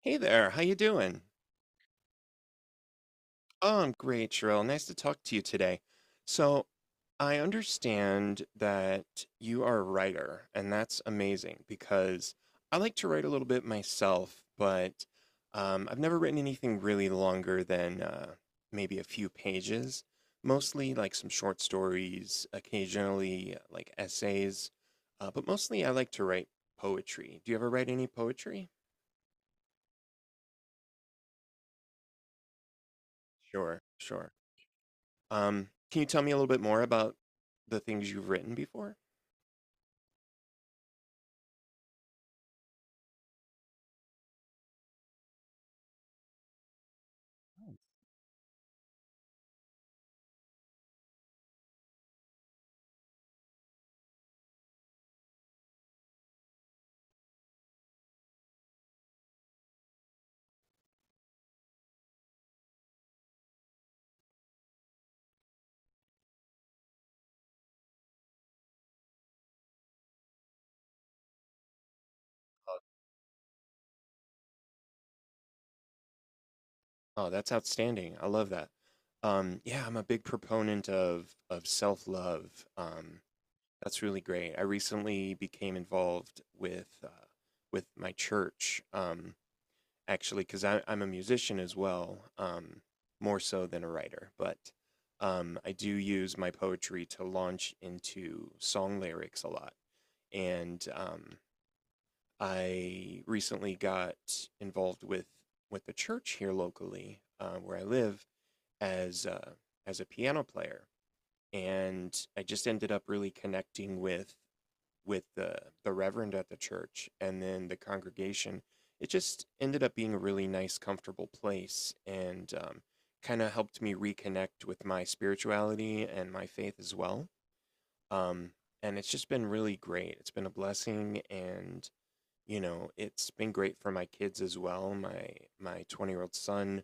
Hey there, how you doing? Oh, I'm great, Cheryl. Nice to talk to you today. So, I understand that you are a writer, and that's amazing because I like to write a little bit myself, but I've never written anything really longer than maybe a few pages. Mostly like some short stories, occasionally like essays, but mostly I like to write poetry. Do you ever write any poetry? Sure, sure. Can you tell me a little bit more about the things you've written before? Oh, that's outstanding. I love that. Yeah, I'm a big proponent of self-love. That's really great. I recently became involved with my church, actually, because I'm a musician as well, more so than a writer. But I do use my poetry to launch into song lyrics a lot, and I recently got involved with the church here locally where I live as uh, as a piano player, and I just ended up really connecting with the reverend at the church and then the congregation. It just ended up being a really nice, comfortable place, and kind of helped me reconnect with my spirituality and my faith as well. Um, and it's just been really great. It's been a blessing, and you know, it's been great for my kids as well. My 20-year-old son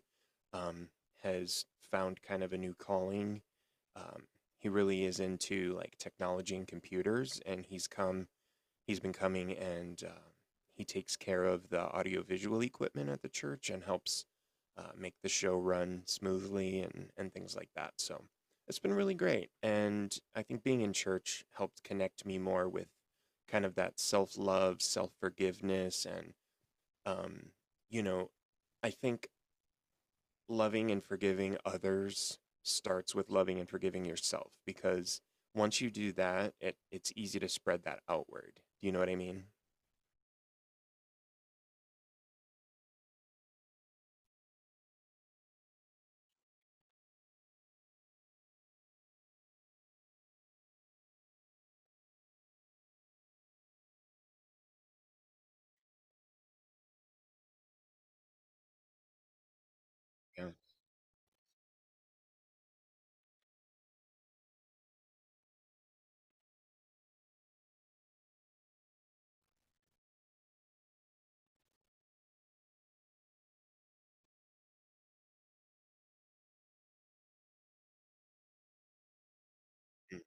um, has found kind of a new calling. Um, he really is into like technology and computers, and he's been coming and he takes care of the audiovisual equipment at the church and helps make the show run smoothly and things like that. So it's been really great. And I think being in church helped connect me more with kind of that self love, self forgiveness. And, um, you know, I think loving and forgiving others starts with loving and forgiving yourself because once you do that, it's easy to spread that outward. Do you know what I mean? Yeah. Mm,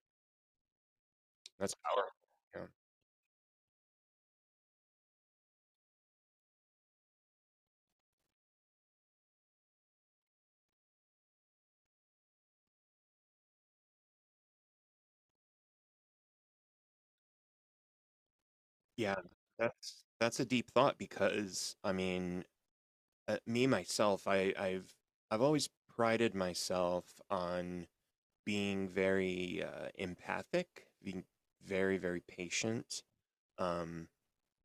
that's powerful. Yeah. Yeah, that's a deep thought because I mean, me myself, I've always prided myself on being very empathic, being very patient. Um,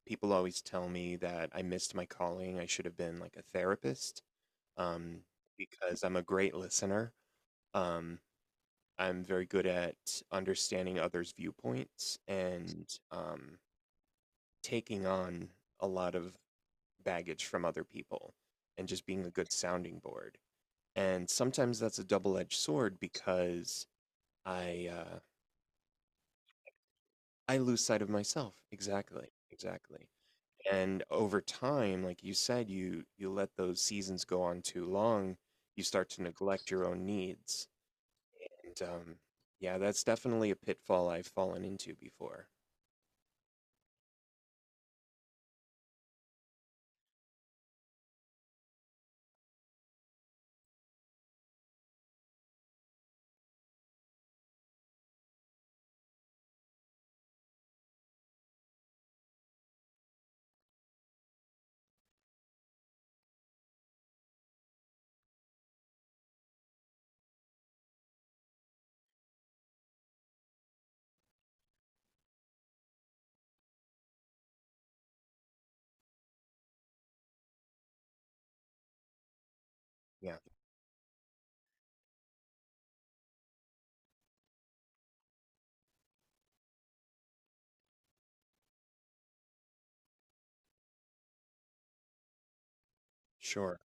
people always tell me that I missed my calling. I should have been like a therapist um, because I'm a great listener. Um, I'm very good at understanding others' viewpoints and taking on a lot of baggage from other people and just being a good sounding board. And sometimes that's a double edged sword because I uh, I lose sight of myself. Exactly. Exactly. And over time, like you said, you let those seasons go on too long, you start to neglect your own needs. And yeah, that's definitely a pitfall I've fallen into before. Yeah, sure,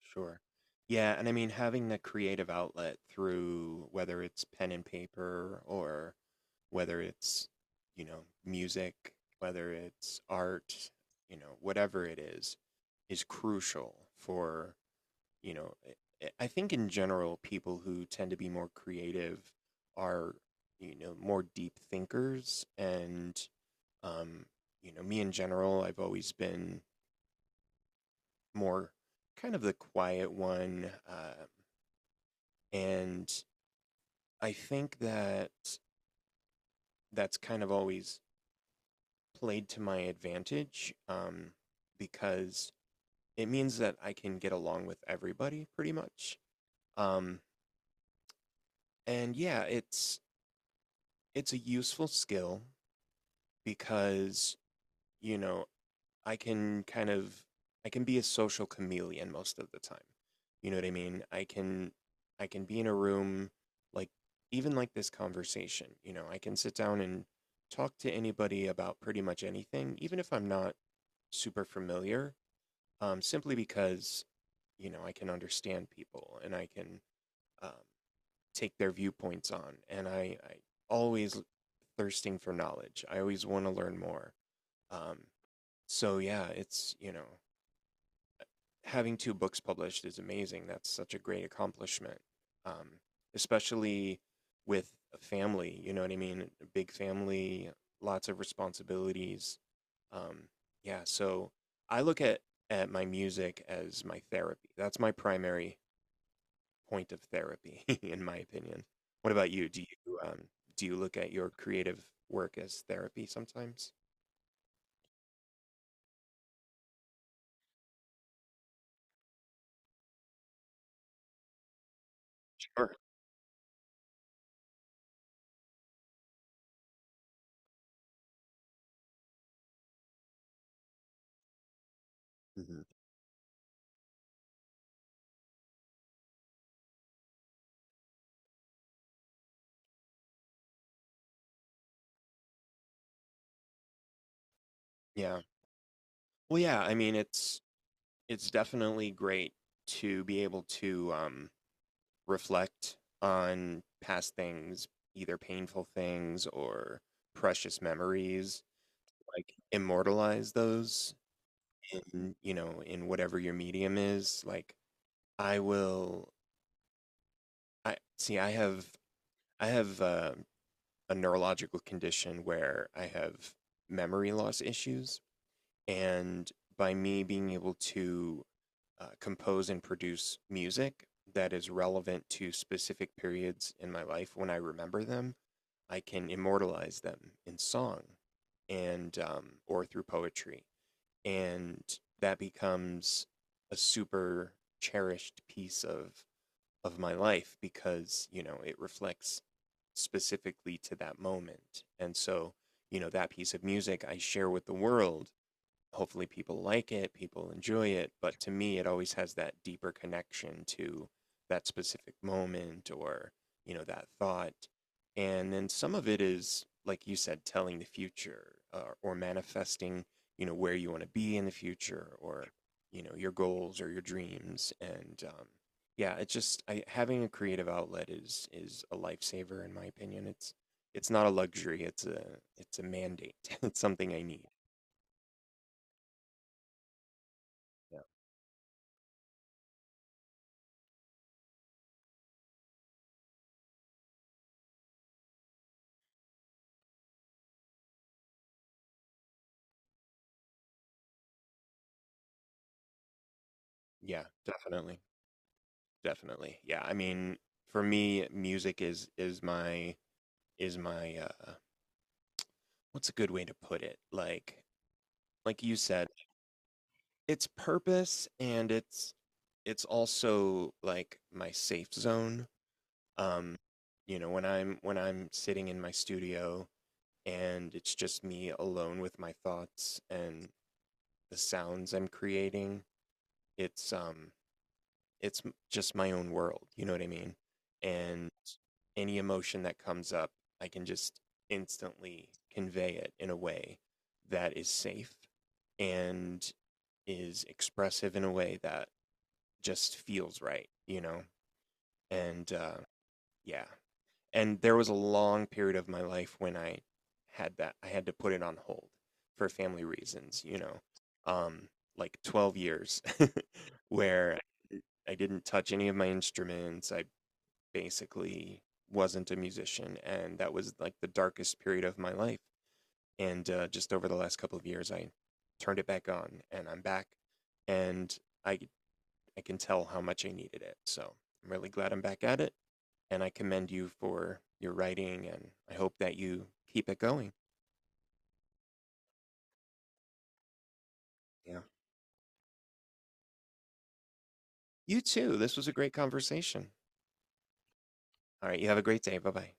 sure. Yeah, and I mean having that creative outlet through whether it's pen and paper or whether it's, you know, music, whether it's art, you know, whatever it is crucial for you know, I think in general, people who tend to be more creative are, you know, more deep thinkers. And, um, you know, me in general, I've always been more kind of the quiet one. And I think that that's kind of always played to my advantage because it means that I can get along with everybody pretty much. Um, and yeah, it's a useful skill because, you know, I can kind of I can be a social chameleon most of the time. You know what I mean? I can be in a room like even like this conversation, you know, I can sit down and talk to anybody about pretty much anything, even if I'm not super familiar, simply because, you know, I can understand people and I can um, take their viewpoints on. And I always thirsting for knowledge. I always want to learn more. Um, So yeah, it's, you know, having two books published is amazing. That's such a great accomplishment. Um, especially with a family, you know what I mean? A big family, lots of responsibilities. Um, yeah, so I look at my music as my therapy. That's my primary point of therapy, in my opinion. What about you? Do you do you look at your creative work as therapy sometimes? Sure. Hmm. Yeah. Well, yeah, I mean, it's definitely great to be able to reflect on past things, either painful things or precious memories, like immortalize those in, you know, in whatever your medium is. Like I will, I see, I have, I have a neurological condition where I have memory loss issues. And by me being able to compose and produce music that is relevant to specific periods in my life. When I remember them, I can immortalize them in song and or through poetry, and that becomes a super cherished piece of my life because you know it reflects specifically to that moment, and so you know that piece of music I share with the world, hopefully people like it, people enjoy it, but to me it always has that deeper connection to that specific moment or, you know, that thought. And then some of it is like you said telling the future or manifesting, you know, where you want to be in the future or, you know, your goals or your dreams. And yeah, it's just having a creative outlet is a lifesaver in my opinion. It's not a luxury, it's a mandate. It's something I need. Yeah, definitely. Definitely. Yeah, I mean, for me, music is my what's a good way to put it? Like you said, it's purpose and it's also like my safe zone. Um, you know, when I'm sitting in my studio and it's just me alone with my thoughts and the sounds I'm creating, it's um it's just my own world, you know what I mean. And any emotion that comes up, I can just instantly convey it in a way that is safe and is expressive in a way that just feels right, you know. And yeah, and there was a long period of my life when I had to put it on hold for family reasons, you know. um like 12 years where I didn't touch any of my instruments. I basically wasn't a musician, and that was like the darkest period of my life. And just over the last couple of years, I turned it back on, and I'm back, and I I can tell how much I needed it. So I'm really glad I'm back at it, and I commend you for your writing, and I hope that you keep it going. Yeah. You too. This was a great conversation. All right. You have a great day. Bye bye.